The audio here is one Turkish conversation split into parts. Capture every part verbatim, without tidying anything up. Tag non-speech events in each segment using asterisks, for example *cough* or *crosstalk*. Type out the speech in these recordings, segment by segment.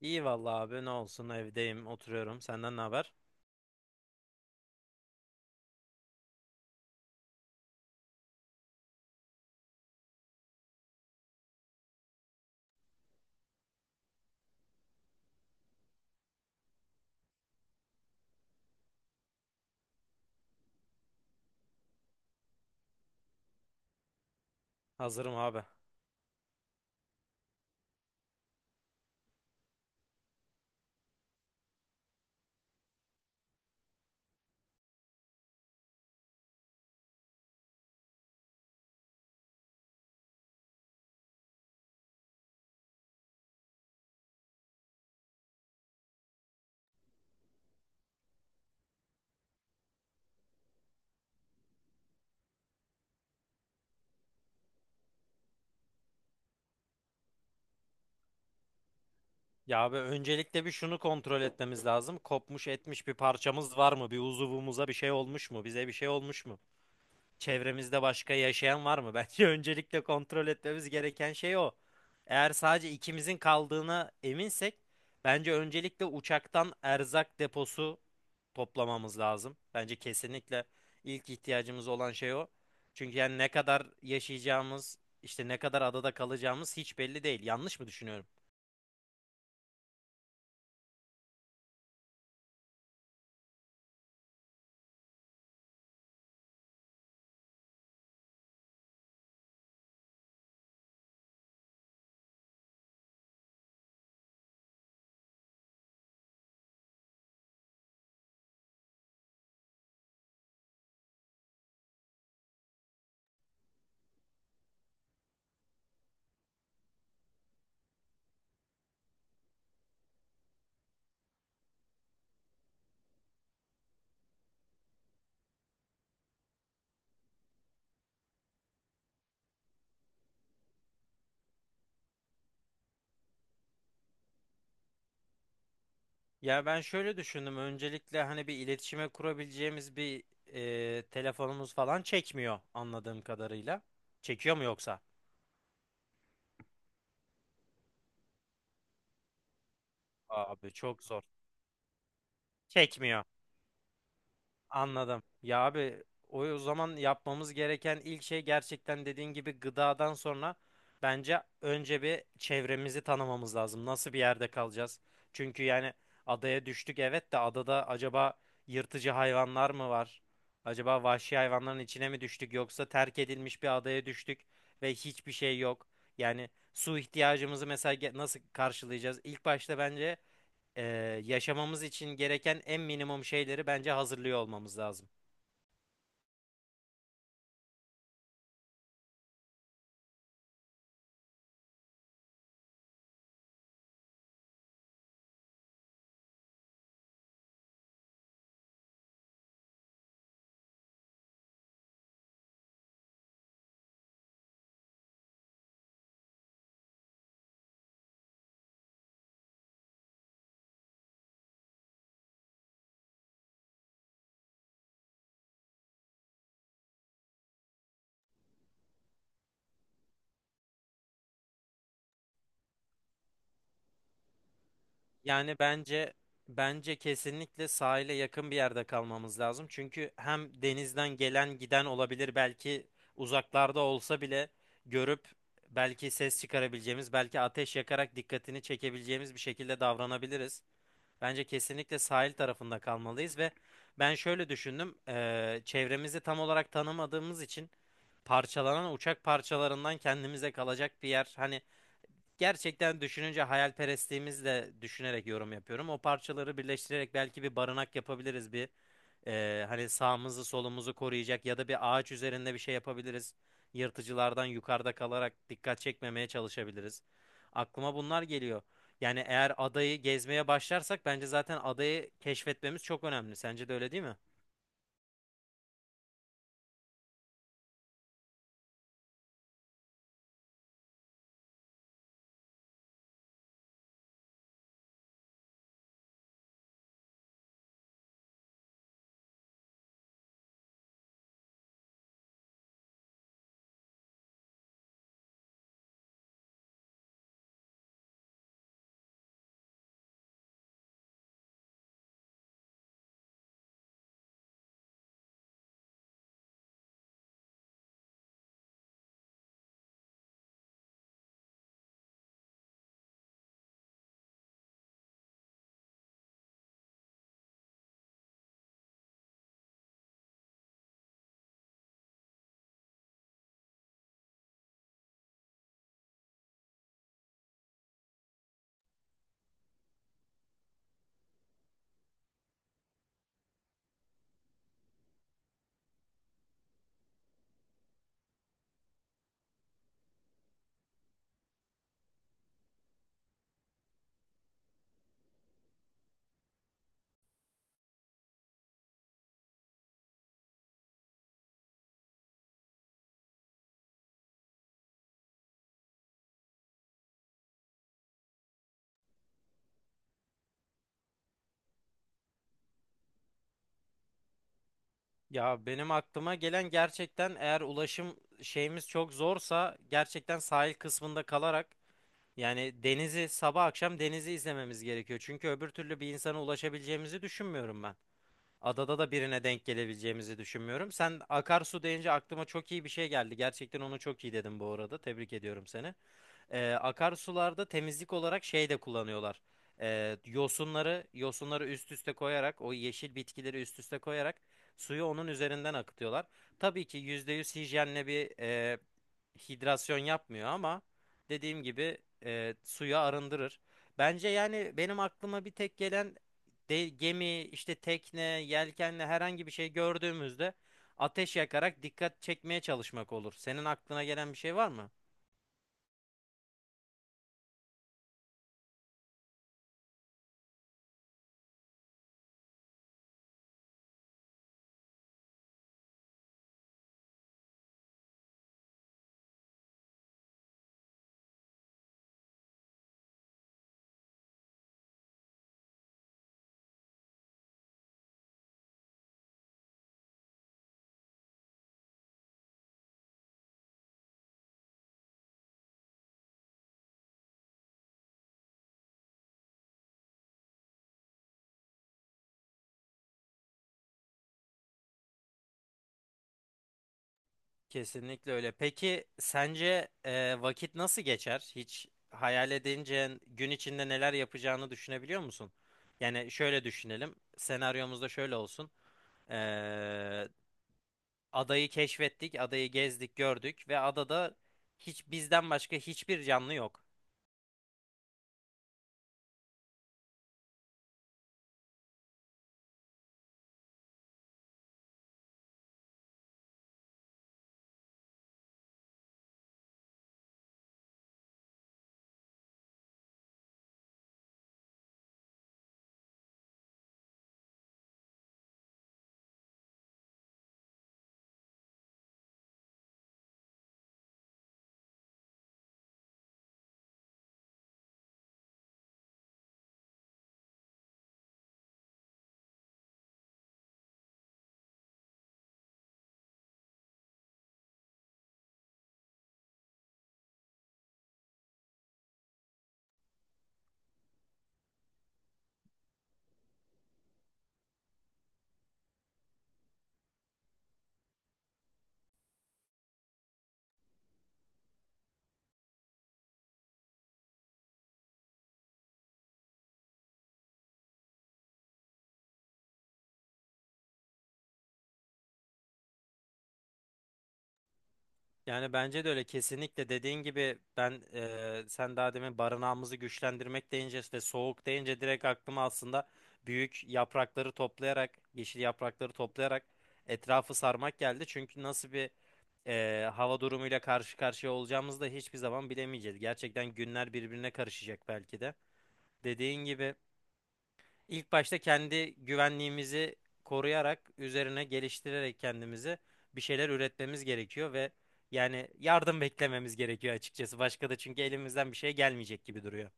İyi vallahi abi ne olsun evdeyim oturuyorum. Senden ne haber? Hazırım abi. Ya abi öncelikle bir şunu kontrol etmemiz lazım. Kopmuş etmiş bir parçamız var mı? Bir uzuvumuza bir şey olmuş mu? Bize bir şey olmuş mu? Çevremizde başka yaşayan var mı? *laughs* Bence öncelikle kontrol etmemiz gereken şey o. Eğer sadece ikimizin kaldığına eminsek, bence öncelikle uçaktan erzak deposu toplamamız lazım. Bence kesinlikle ilk ihtiyacımız olan şey o. Çünkü yani ne kadar yaşayacağımız, işte ne kadar adada kalacağımız hiç belli değil. Yanlış mı düşünüyorum? Ya ben şöyle düşündüm. Öncelikle hani bir iletişime kurabileceğimiz bir e, telefonumuz falan çekmiyor anladığım kadarıyla. Çekiyor mu yoksa? Abi çok zor. Çekmiyor. Anladım. Ya abi o o zaman yapmamız gereken ilk şey gerçekten dediğin gibi gıdadan sonra bence önce bir çevremizi tanımamız lazım. Nasıl bir yerde kalacağız? Çünkü yani adaya düştük evet de adada acaba yırtıcı hayvanlar mı var? Acaba vahşi hayvanların içine mi düştük yoksa terk edilmiş bir adaya düştük ve hiçbir şey yok. Yani su ihtiyacımızı mesela ge- nasıl karşılayacağız? İlk başta bence e, yaşamamız için gereken en minimum şeyleri bence hazırlıyor olmamız lazım. Yani bence bence kesinlikle sahile yakın bir yerde kalmamız lazım. Çünkü hem denizden gelen giden olabilir belki uzaklarda olsa bile görüp belki ses çıkarabileceğimiz, belki ateş yakarak dikkatini çekebileceğimiz bir şekilde davranabiliriz. Bence kesinlikle sahil tarafında kalmalıyız ve ben şöyle düşündüm. Eee, çevremizi tam olarak tanımadığımız için parçalanan uçak parçalarından kendimize kalacak bir yer. Hani gerçekten düşününce hayalperestliğimizle düşünerek yorum yapıyorum. O parçaları birleştirerek belki bir barınak yapabiliriz bir. Ee, hani sağımızı solumuzu koruyacak ya da bir ağaç üzerinde bir şey yapabiliriz. Yırtıcılardan yukarıda kalarak dikkat çekmemeye çalışabiliriz. Aklıma bunlar geliyor. Yani eğer adayı gezmeye başlarsak bence zaten adayı keşfetmemiz çok önemli. Sence de öyle değil mi? Ya benim aklıma gelen gerçekten eğer ulaşım şeyimiz çok zorsa gerçekten sahil kısmında kalarak yani denizi sabah akşam denizi izlememiz gerekiyor. Çünkü öbür türlü bir insana ulaşabileceğimizi düşünmüyorum ben. Adada da birine denk gelebileceğimizi düşünmüyorum. Sen akarsu deyince aklıma çok iyi bir şey geldi. Gerçekten onu çok iyi dedim bu arada. Tebrik ediyorum seni. Ee, akarsularda temizlik olarak şey de kullanıyorlar. Ee, yosunları yosunları üst üste koyarak o yeşil bitkileri üst üste koyarak suyu onun üzerinden akıtıyorlar. Tabii ki yüzde yüz hijyenle bir e, hidrasyon yapmıyor ama dediğim gibi e, suyu arındırır. Bence yani benim aklıma bir tek gelen de, gemi, işte tekne, yelkenle herhangi bir şey gördüğümüzde ateş yakarak dikkat çekmeye çalışmak olur. Senin aklına gelen bir şey var mı? Kesinlikle öyle. Peki sence e, vakit nasıl geçer? Hiç hayal edince gün içinde neler yapacağını düşünebiliyor musun? Yani şöyle düşünelim. Senaryomuzda şöyle olsun. E, Adayı keşfettik, adayı gezdik, gördük ve adada hiç bizden başka hiçbir canlı yok. Yani bence de öyle kesinlikle dediğin gibi ben eee, sen daha demin barınağımızı güçlendirmek deyince işte soğuk deyince direkt aklıma aslında büyük yaprakları toplayarak yeşil yaprakları toplayarak etrafı sarmak geldi. Çünkü nasıl bir eee, hava durumuyla karşı karşıya olacağımızı da hiçbir zaman bilemeyeceğiz. Gerçekten günler birbirine karışacak belki de. Dediğin gibi İlk başta kendi güvenliğimizi koruyarak, üzerine geliştirerek kendimizi bir şeyler üretmemiz gerekiyor ve yani yardım beklememiz gerekiyor açıkçası. Başka da çünkü elimizden bir şey gelmeyecek gibi duruyor.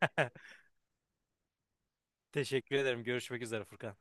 *laughs* Teşekkür ederim. Görüşmek üzere Furkan.